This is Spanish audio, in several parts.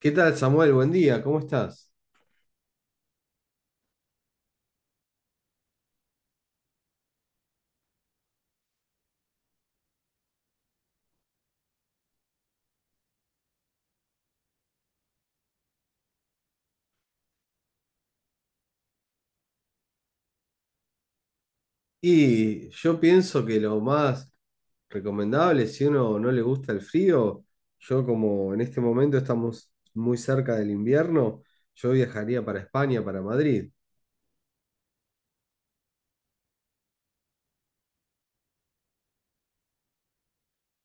¿Qué tal, Samuel? Buen día, ¿cómo estás? Y yo pienso que lo más recomendable, si uno no le gusta el frío, yo como en este momento estamos muy cerca del invierno, yo viajaría para España, para Madrid.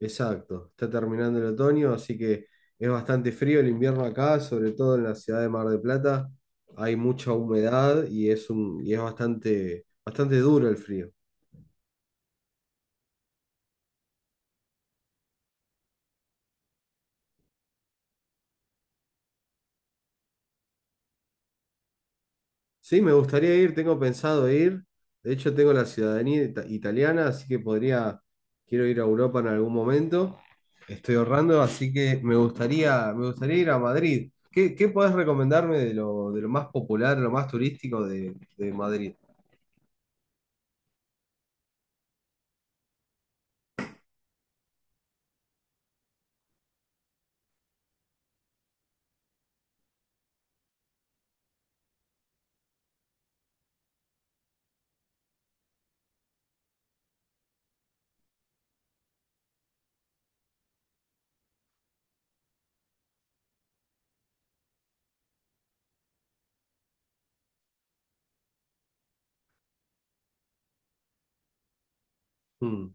Exacto, está terminando el otoño, así que es bastante frío el invierno acá, sobre todo en la ciudad de Mar del Plata. Hay mucha humedad y es bastante, bastante duro el frío. Sí, me gustaría ir, tengo pensado ir. De hecho, tengo la ciudadanía italiana, así que podría, quiero ir a Europa en algún momento. Estoy ahorrando, así que me gustaría ir a Madrid. ¿Qué podés recomendarme de lo más popular, lo más turístico de Madrid? Mm.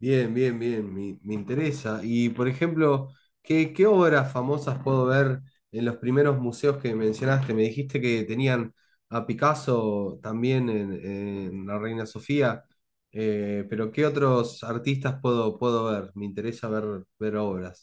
Bien, me interesa. Y por ejemplo, ¿qué obras famosas puedo ver en los primeros museos que mencionaste. Me dijiste que tenían a Picasso también en la Reina Sofía, pero ¿qué otros artistas puedo ver? Me interesa ver, ver obras.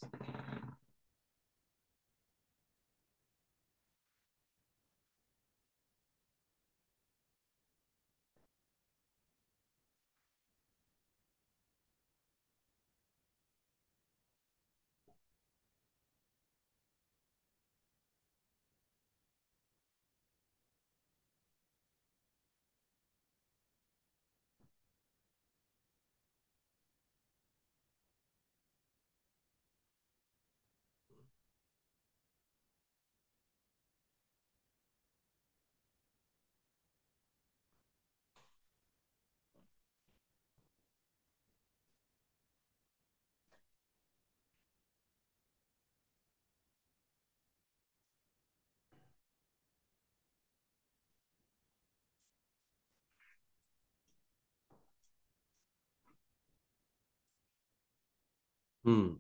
Mm.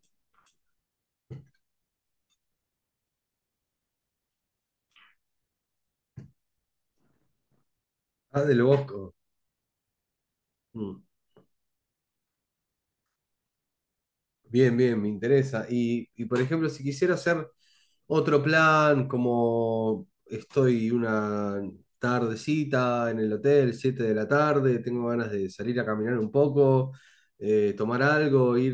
Ah, del Bosco. Mm. Me interesa. Y por ejemplo, si quisiera hacer otro plan, como estoy una tardecita en el hotel, 7 de la tarde, tengo ganas de salir a caminar un poco, tomar algo, ir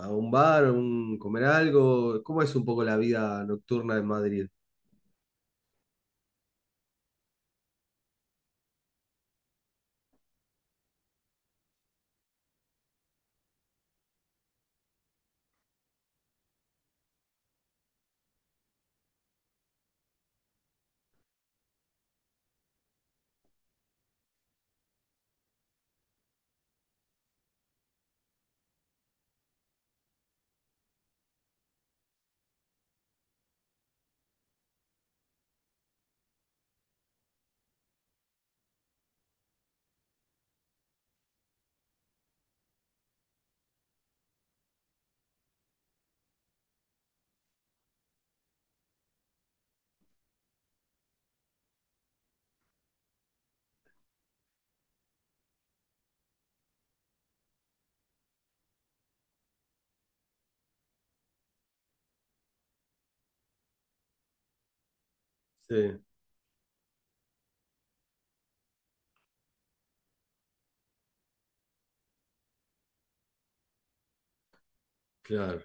a un bar, comer algo. ¿Cómo es un poco la vida nocturna en Madrid? Sí, claro.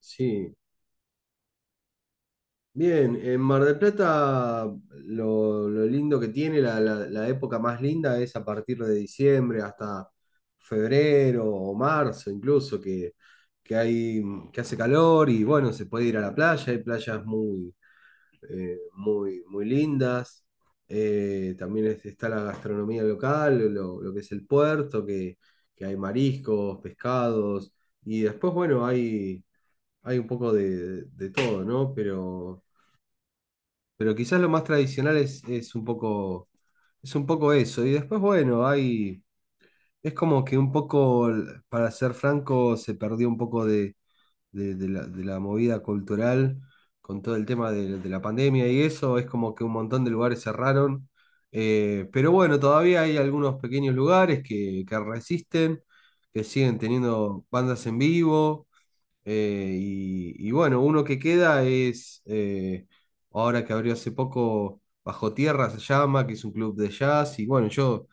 Sí. Bien, en Mar del Plata lo lindo que tiene, la época más linda es a partir de diciembre hasta febrero o marzo incluso, que hay, que hace calor y bueno, se puede ir a la playa, hay playas muy, muy lindas. También está la gastronomía local, lo que es el puerto, que hay mariscos, pescados y después, bueno, hay un poco de todo, ¿no? Pero quizás lo más tradicional es un poco eso. Y después, bueno, hay, es como que un poco, para ser franco, se perdió un poco de la movida cultural con todo el tema de la pandemia y eso. Es como que un montón de lugares cerraron. Pero bueno, todavía hay algunos pequeños lugares que resisten, que siguen teniendo bandas en vivo. Y bueno, uno que queda ahora que abrió hace poco, Bajo Tierra se llama, que es un club de jazz. Y bueno, yo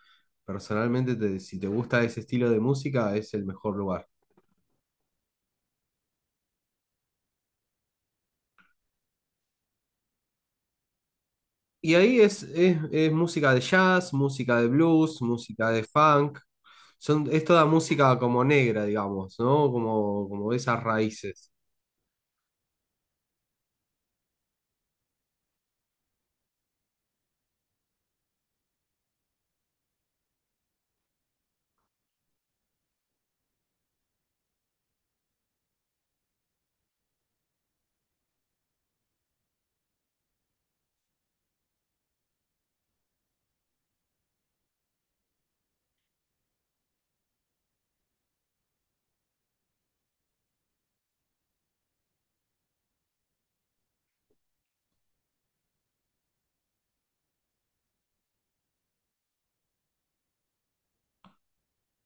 personalmente, si te gusta ese estilo de música, es el mejor lugar. Y ahí es música de jazz, música de blues, música de funk. Es toda música como negra, digamos, ¿no? Como, como esas raíces.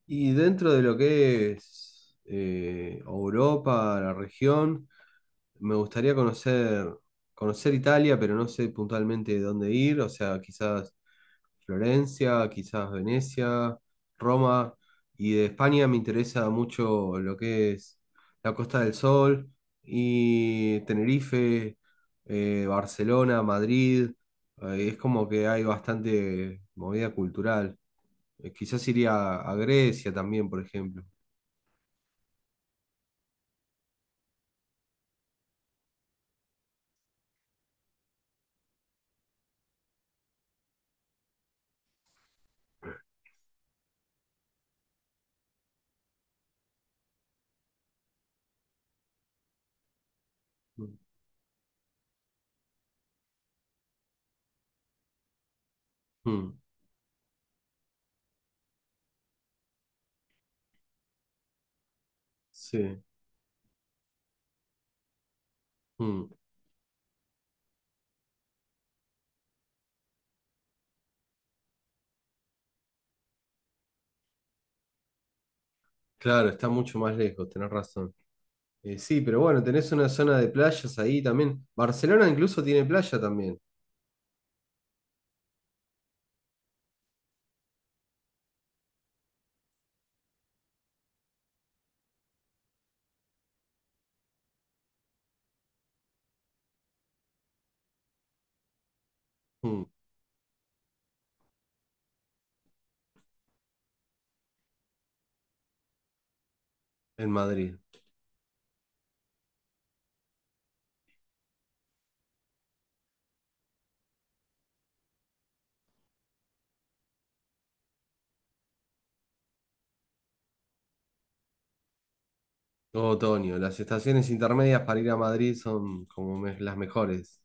Y dentro de lo que es Europa, la región. Me gustaría conocer Italia, pero no sé puntualmente dónde ir. O sea, quizás Florencia, quizás Venecia, Roma. Y de España me interesa mucho lo que es la Costa del Sol y Tenerife, Barcelona, Madrid. Es como que hay bastante movida cultural. Quizás iría a Grecia también, por ejemplo. Mm, mm, sí, mm. Claro, está mucho más lejos, tenés razón. Sí, pero bueno, tenés una zona de playas ahí también. Barcelona incluso tiene playa también, mm, en Madrid. Todo otoño. Las estaciones intermedias para ir a Madrid son como las mejores.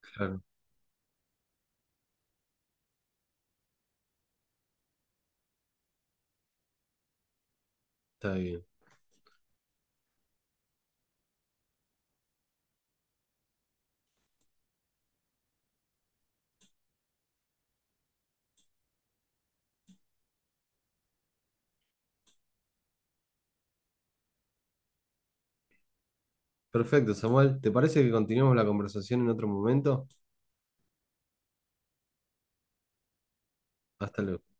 Claro, está bien. Perfecto, Samuel. ¿Te parece que continuemos la conversación en otro momento? Hasta luego.